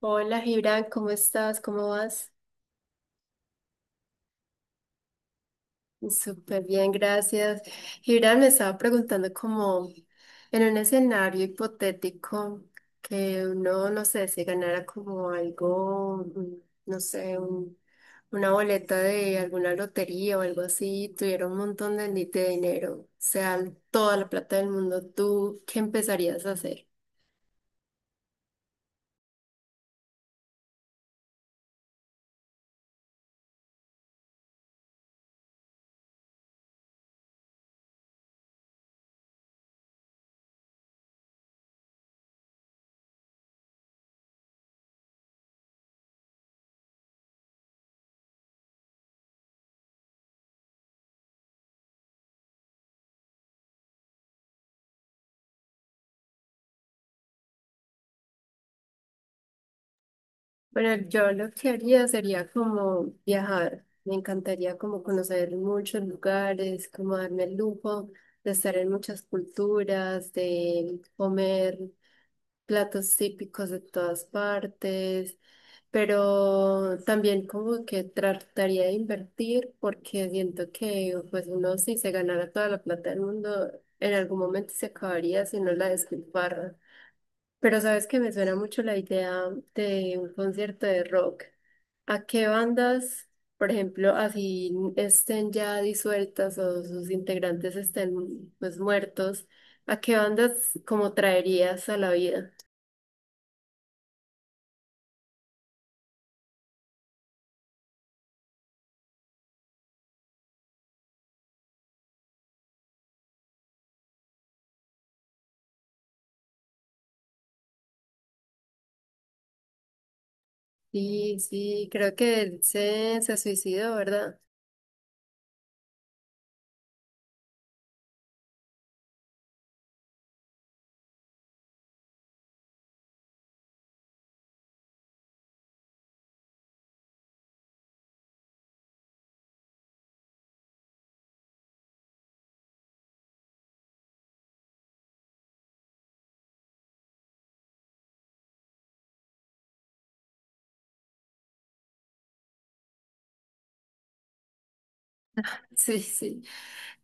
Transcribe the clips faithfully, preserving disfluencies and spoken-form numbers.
Hola Gibran, ¿cómo estás? ¿Cómo vas? Súper bien, gracias. Gibran me estaba preguntando como en un escenario hipotético que uno, no sé, se ganara como algo, mm, no sé, un- una boleta de alguna lotería o algo así, tuviera un montón de, ni- de dinero, o sea, toda la plata del mundo, ¿tú qué empezarías a hacer? Bueno, yo lo que haría sería como viajar. Me encantaría como conocer muchos lugares, como darme el lujo de estar en muchas culturas, de comer platos típicos de todas partes, pero también como que trataría de invertir porque siento que pues uno si se ganara toda la plata del mundo, en algún momento se acabaría si no la despilfarra. Pero sabes que me suena mucho la idea de un concierto de rock. ¿A qué bandas, por ejemplo, así estén ya disueltas o sus integrantes estén pues muertos, a qué bandas como traerías a la vida? Sí, sí, creo que él se, se suicidó, ¿verdad? Sí, sí.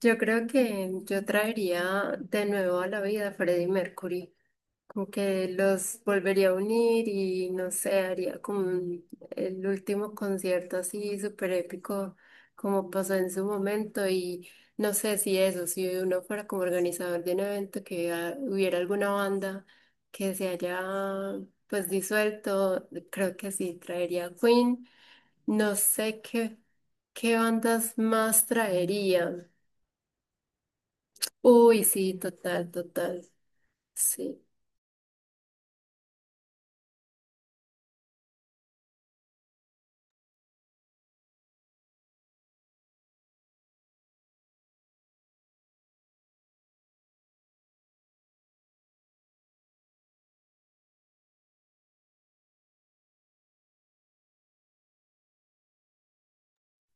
Yo creo que yo traería de nuevo a la vida a Freddie Mercury, como que los volvería a unir y no sé, haría como un- el último concierto así súper épico como pasó en su momento. Y no sé si eso, si uno fuera como organizador de un evento que ah, hubiera alguna banda que se haya pues disuelto, creo que sí, traería a Queen, no sé qué, qué bandas más traería. Uy, sí, total, total, sí.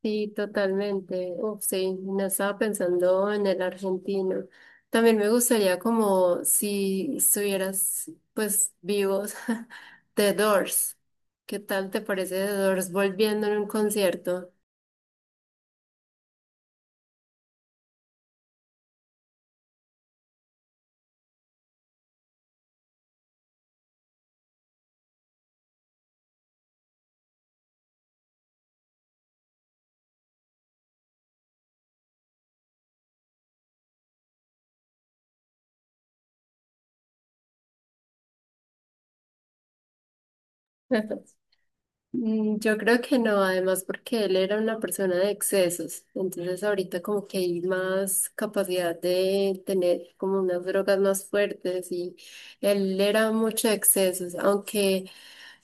Sí, totalmente. Uf, sí, no estaba pensando en el argentino. También me gustaría como si estuvieras pues vivos, The Doors. ¿Qué tal te parece The Doors volviendo en un concierto? Mm, yo creo que no, además porque él era una persona de excesos, entonces ahorita como que hay más capacidad de tener como unas drogas más fuertes y él era mucho de excesos, aunque,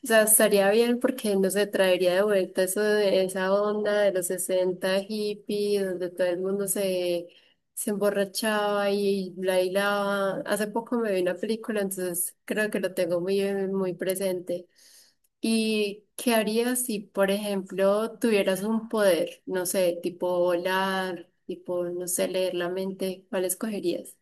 o sea, estaría bien porque no se traería de vuelta eso de esa onda de los sesenta hippies, donde todo el mundo se se emborrachaba y bailaba. Hace poco me vi una película, entonces creo que lo tengo muy, eh, muy presente. ¿Y qué harías si, por ejemplo, tuvieras un poder, no sé, tipo volar, tipo, no sé, leer la mente? ¿Cuál escogerías?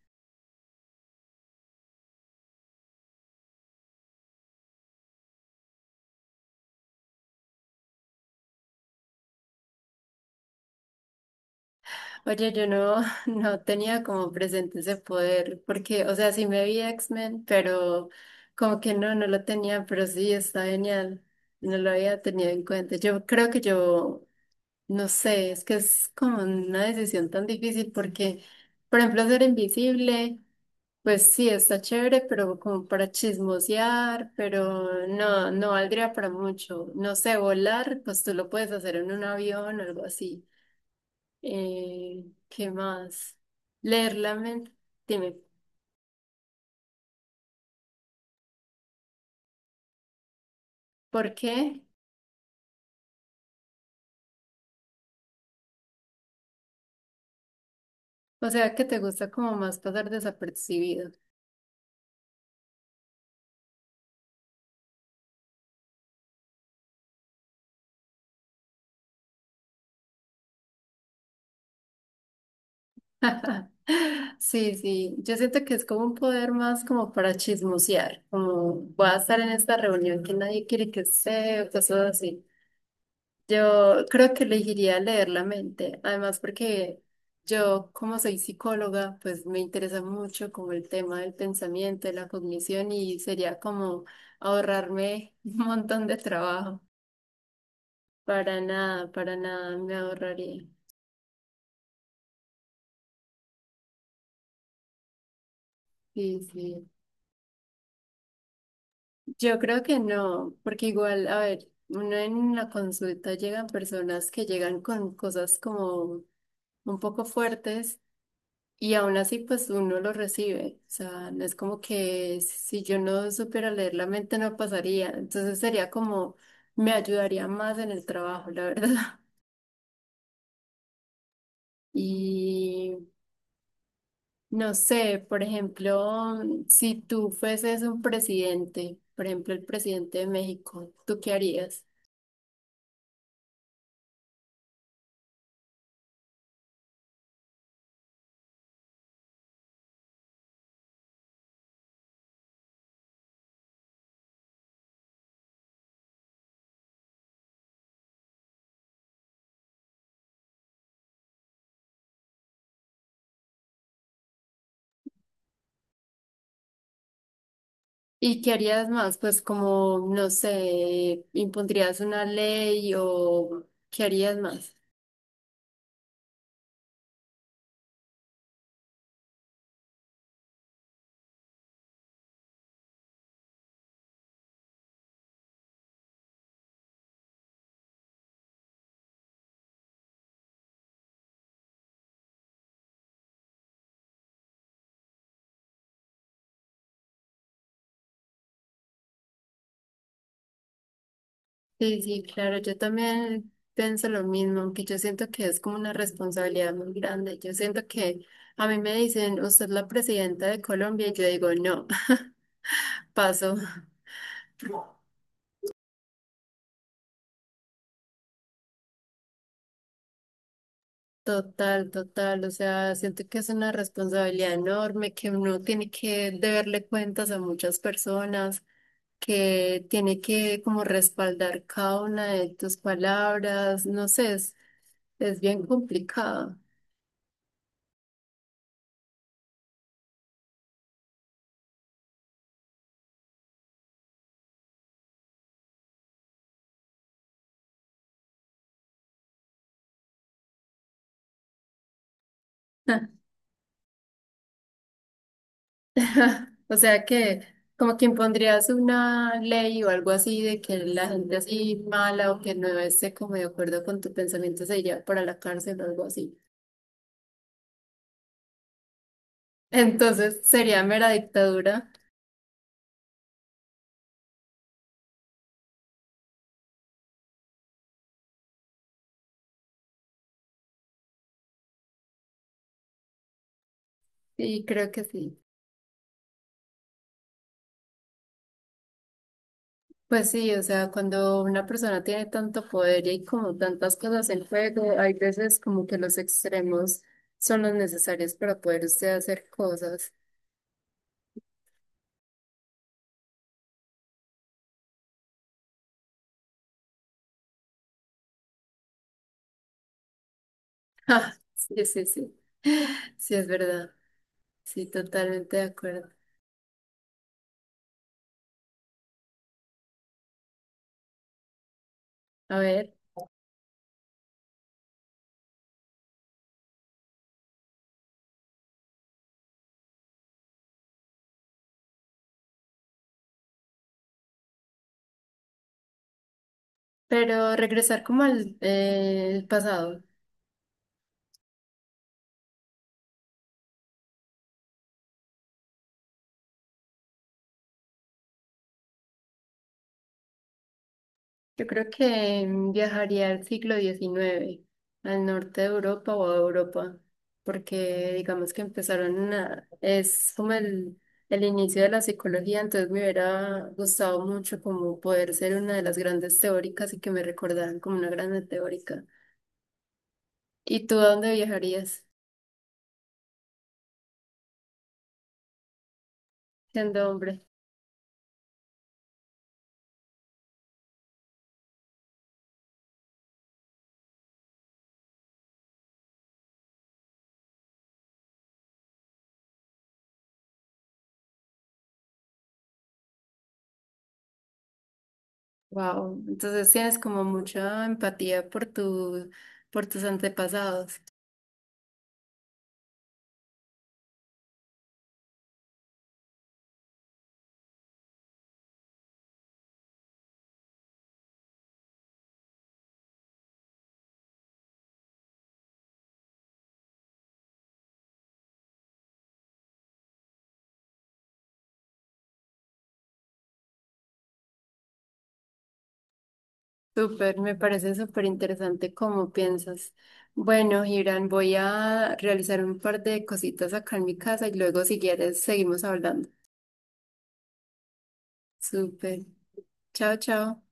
Oye, yo no, no tenía como presente ese poder, porque, o sea, sí me vi X-Men, pero como que no, no lo tenía, pero sí, está genial. No lo había tenido en cuenta. Yo creo que yo. No sé, es que es como una decisión tan difícil porque, por ejemplo, ser invisible, pues sí, está chévere, pero como para chismosear, pero no, no valdría para mucho. No sé, volar, pues tú lo puedes hacer en un avión o algo así. Eh, ¿qué más? Leer la mente. Dime, ¿por qué? O sea, que te gusta como más pasar desapercibido. Sí, sí, yo siento que es como un poder más como para chismosear, como voy a estar en esta reunión que nadie quiere que esté, o cosas así. Yo creo que elegiría leer la mente, además porque yo como soy psicóloga, pues me interesa mucho como el tema del pensamiento, de la cognición y sería como ahorrarme un montón de trabajo. Para nada, para nada me ahorraría. Sí, sí. Yo creo que no, porque igual, a ver, uno en la consulta llegan personas que llegan con cosas como un poco fuertes y aún así pues uno lo recibe. O sea, no es como que si yo no supiera leer la mente no pasaría. Entonces sería como, me ayudaría más en el trabajo, la verdad. Y no sé, por ejemplo, si tú fueses un presidente, por ejemplo, el presidente de México, ¿tú qué harías? ¿Y qué harías más? Pues como, no sé, impondrías una ley o qué harías más. Sí, sí, claro, yo también pienso lo mismo, aunque yo siento que es como una responsabilidad muy grande. Yo siento que a mí me dicen, usted es la presidenta de Colombia, y yo digo, no, paso. Total, total. O sea, siento que es una responsabilidad enorme, que uno tiene que deberle cuentas a muchas personas, que tiene que como respaldar cada una de tus palabras. No sé, es, es bien complicado. O sea que como que impondrías una ley o algo así de que la gente así mala o que no esté como de acuerdo con tu pensamiento se iría para la cárcel o algo así. Entonces sería mera dictadura. Sí, creo que sí. Pues sí, o sea, cuando una persona tiene tanto poder y hay como tantas cosas en juego, hay veces como que los extremos son los necesarios para poder usted hacer cosas. Ah, sí, sí, sí. Sí, es verdad. Sí, totalmente de acuerdo. A ver, pero regresar como al eh, el pasado. Yo creo que viajaría al siglo diecinueve, al norte de Europa o a Europa, porque digamos que empezaron a, es como el, el inicio de la psicología, entonces me hubiera gustado mucho como poder ser una de las grandes teóricas y que me recordaran como una grande teórica. ¿Y tú a dónde viajarías siendo hombre? Wow, entonces tienes como mucha empatía por tu, por tus antepasados. Súper, me parece súper interesante cómo piensas. Bueno, Irán, voy a realizar un par de cositas acá en mi casa y luego si quieres seguimos hablando. Súper. Chao, chao.